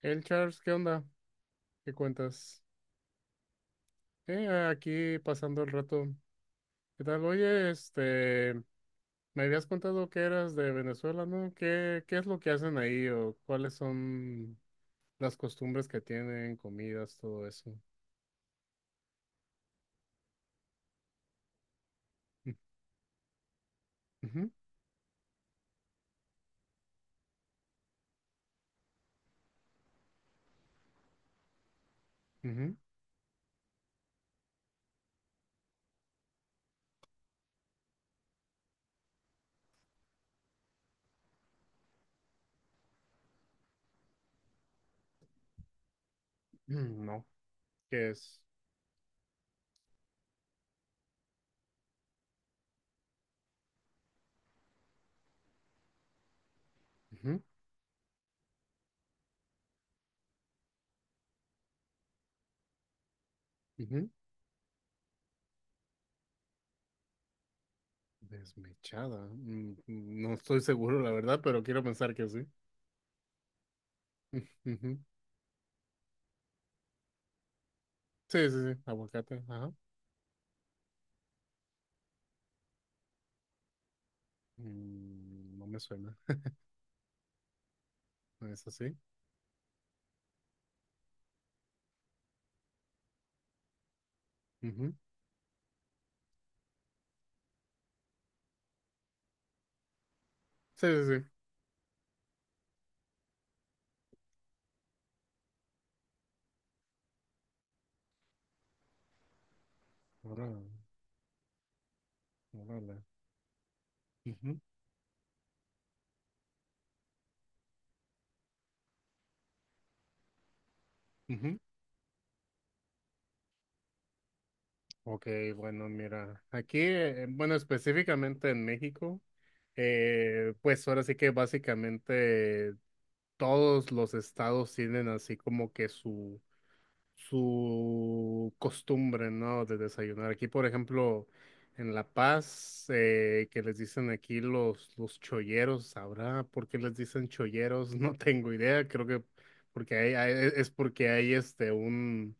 El Charles, ¿qué onda? ¿Qué cuentas? Aquí pasando el rato. ¿Qué tal? Oye, este, me habías contado que eras de Venezuela, ¿no? ¿¿Qué es lo que hacen ahí o cuáles son las costumbres que tienen, comidas, todo eso? Mm, ujú, ujú. Mm, no, ¿qué es? Ujú, ujú. Desmechada. Mm, mm, no estoy seguro, la verdad, pero quiero pensar que sí. Ujú. Sí, sí, sí, aguacate, ajá. Mm, no me suena, ¿no es así? Ujú. Sí, sí, sí. Órale, órale. Ujú, ujú. Ok, bueno, mira, aquí, bueno, específicamente en México, pues ahora sí que básicamente todos los estados tienen así como que su costumbre, ¿no? De desayunar. Aquí, por ejemplo, en La Paz, que les dicen aquí los cholleros. ¿Sabrá por qué les dicen cholleros? No tengo idea, creo que porque hay, es porque hay este un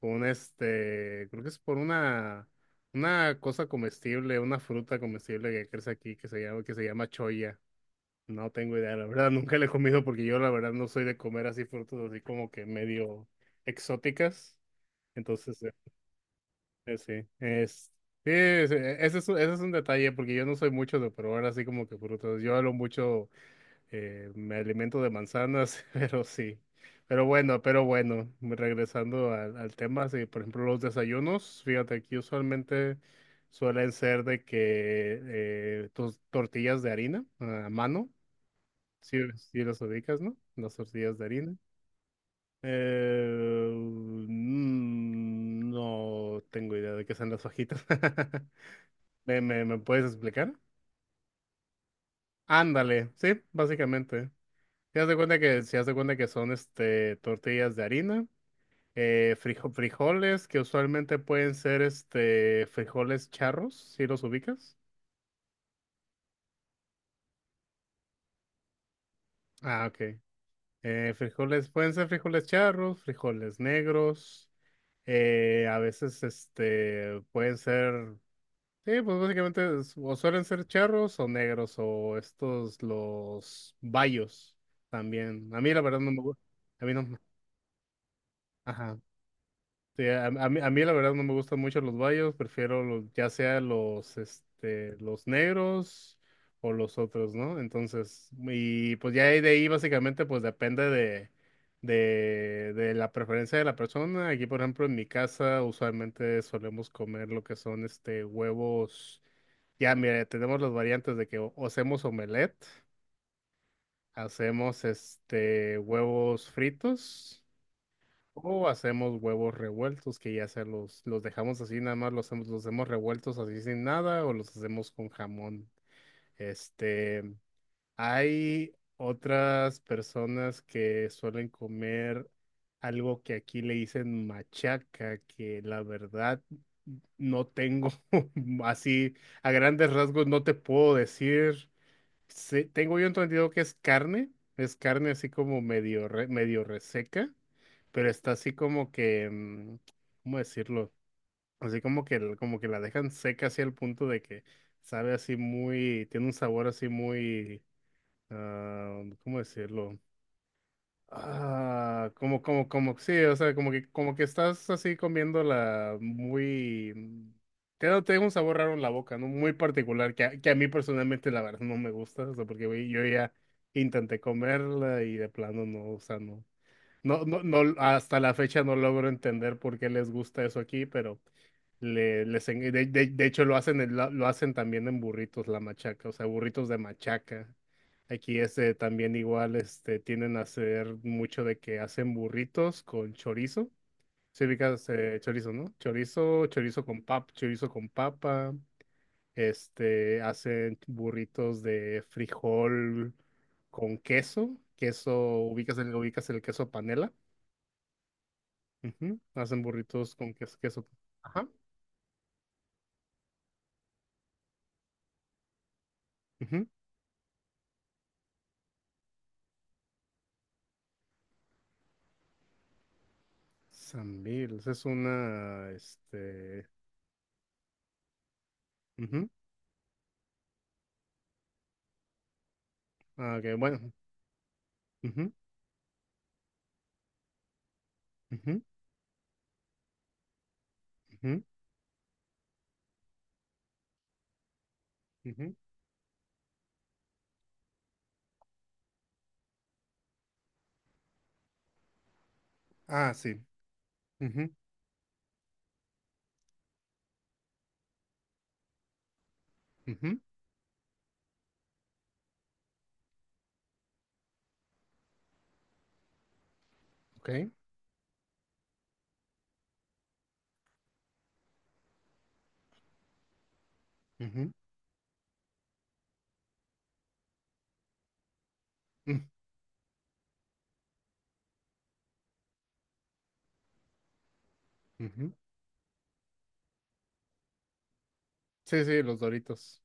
un este, creo que es por una cosa comestible, una fruta comestible que crece aquí que se llama choya. No tengo idea, la verdad, nunca la he comido porque yo la verdad no soy de comer así frutas así como que medio exóticas. Entonces, sí, es, sí, ese es, ese es un detalle porque yo no soy mucho de probar así como que frutas. Yo hablo mucho me alimento de manzanas, pero sí. Pero bueno, regresando al, al tema, sí, por ejemplo, los desayunos, fíjate, aquí usualmente suelen ser de que tus tortillas de harina a mano, si, si las ubicas, ¿no? Las tortillas de harina. No tengo idea de qué son las hojitas. ¿¿Me puedes explicar? Ándale, sí, básicamente. Si haz cuenta que, si haz cuenta que son este tortillas de harina, frijoles, que usualmente pueden ser este frijoles charros, si los ubicas. Ah, ok. Frijoles, pueden ser frijoles charros, frijoles negros, a veces este pueden ser, sí, pues básicamente o suelen ser charros o negros, o estos los bayos también. A mí la verdad no me gusta. A mí no. Ajá. Sí, a mí la verdad no me gustan mucho los bayos, prefiero los, ya sea los, este, los negros o los otros, ¿no? Entonces, y pues ya de ahí básicamente pues depende de, de la preferencia de la persona. Aquí, por ejemplo, en mi casa usualmente solemos comer lo que son este huevos. Ya, mira, tenemos las variantes de que o hacemos omelette, hacemos este huevos fritos. O hacemos huevos revueltos, que ya sea los dejamos así, nada más los, los hacemos revueltos así sin nada, o los hacemos con jamón. Este, hay otras personas que suelen comer algo que aquí le dicen machaca, que la verdad no tengo así, a grandes rasgos no te puedo decir. Tengo yo entendido que es carne así como medio, medio reseca, pero está así como que, mm, ¿cómo decirlo? Así como que, como que la dejan seca así al punto de que sabe así muy, tiene un sabor así muy, ah, ¿cómo decirlo? Ah, como, sí, o sea, como que estás así comiéndola muy, mm, te da, te deja un sabor raro en la boca, ¿no? Muy particular, que que a mí personalmente la verdad no me gusta, o sea, porque güey, yo ya intenté comerla y de plano no, o sea, no. No, no, no, hasta la fecha no logro entender por qué les gusta eso aquí, pero le, les, en- de hecho lo hacen, lo hacen también en burritos, la machaca, o sea, burritos de machaca. Aquí este también igual, este, tienden a hacer mucho de que hacen burritos con chorizo. Se ubicas chorizo, ¿no? Chorizo, chorizo con papa. Este, hacen burritos de frijol con queso, queso, ubicas el queso panela. Ujú. Hacen burritos con queso, queso. Ajá. Ujú. Sambil, esa es una, este, ujú. Ah, ok, bueno. Ujú, ujú, ujú, ujú. Ah, sí. Ujú, ujú, ok. Ujú, mm, ujú. Sí, sí, los Doritos.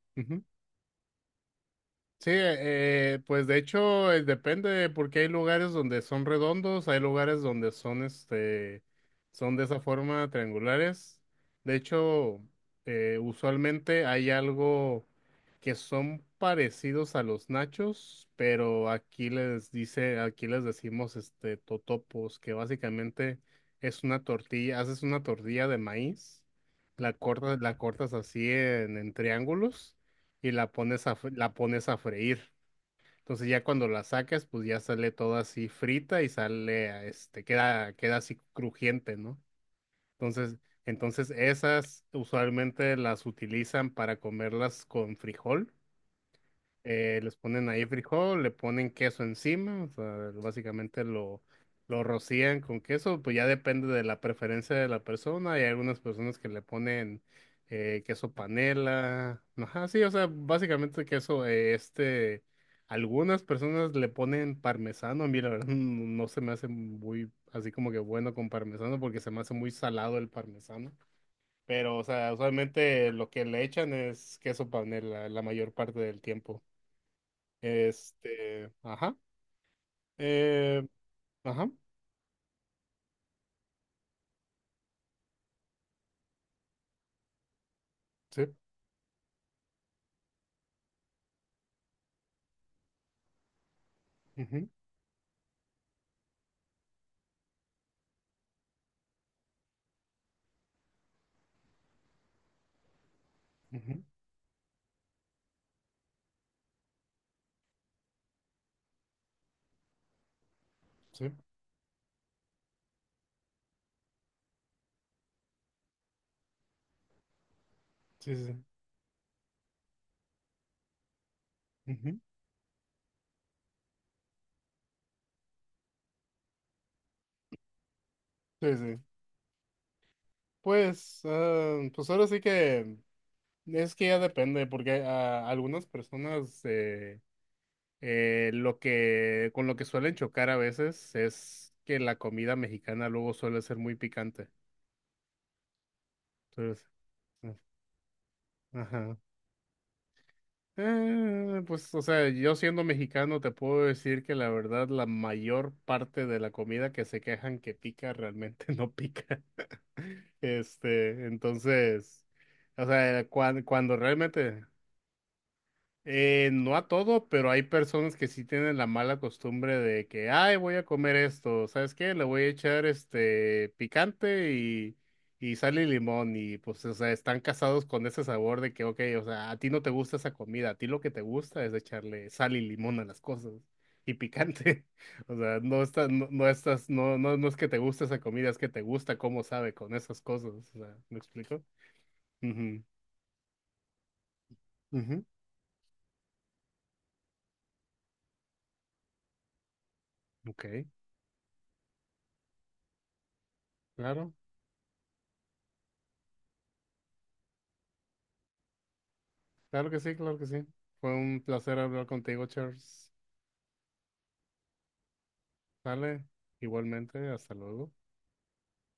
Sí, pues de hecho depende porque hay lugares donde son redondos, hay lugares donde son este, son de esa forma triangulares. De hecho, usualmente hay algo que son parecidos a los nachos, pero aquí les dice, aquí les decimos este totopos, que básicamente es una tortilla, haces una tortilla de maíz, la cortas así en triángulos y la pones a, la pones a freír. Entonces ya cuando la sacas, pues ya sale toda así frita y sale, a, este, queda, queda así crujiente, ¿no? Entonces, entonces esas usualmente las utilizan para comerlas con frijol, les ponen ahí frijol, le ponen queso encima, o sea, básicamente lo rocían con queso, pues ya depende de la preferencia de la persona. Hay algunas personas que le ponen queso panela, ajá, sí, o sea, básicamente queso, este, algunas personas le ponen parmesano, a mí la verdad no se me hace muy, así como que bueno con parmesano porque se me hace muy salado el parmesano. Pero, o sea, usualmente lo que le echan es queso panela la mayor parte del tiempo. Este, ajá, eh, ajá, sí, ujú, ujú, sí, sí, sí, sí, ujú, sí, sí. Pues, ah, pues ahora sí que es que ya depende, porque a algunas personas lo que con lo que suelen chocar a veces es que la comida mexicana luego suele ser muy picante. Entonces, ah, ajá. Pues, o sea, yo siendo mexicano te puedo decir que la verdad la mayor parte de la comida que se quejan que pica realmente no pica. Este, entonces, o sea, cuando, realmente, no a todo, pero hay personas que sí tienen la mala costumbre de que, ay, voy a comer esto, ¿sabes qué? Le voy a echar este picante y sal y limón y pues, o sea, están casados con ese sabor de que, ok, o sea, a ti no te gusta esa comida, a ti lo que te gusta es echarle sal y limón a las cosas y picante, o sea, no estás, no, no estás, no, no, no es que te guste esa comida, es que te gusta cómo sabe con esas cosas, o sea, ¿me explico? Ujú, ujú, ok, claro. Claro que sí, claro que sí. Fue un placer hablar contigo, Charles. Sale, igualmente, hasta luego.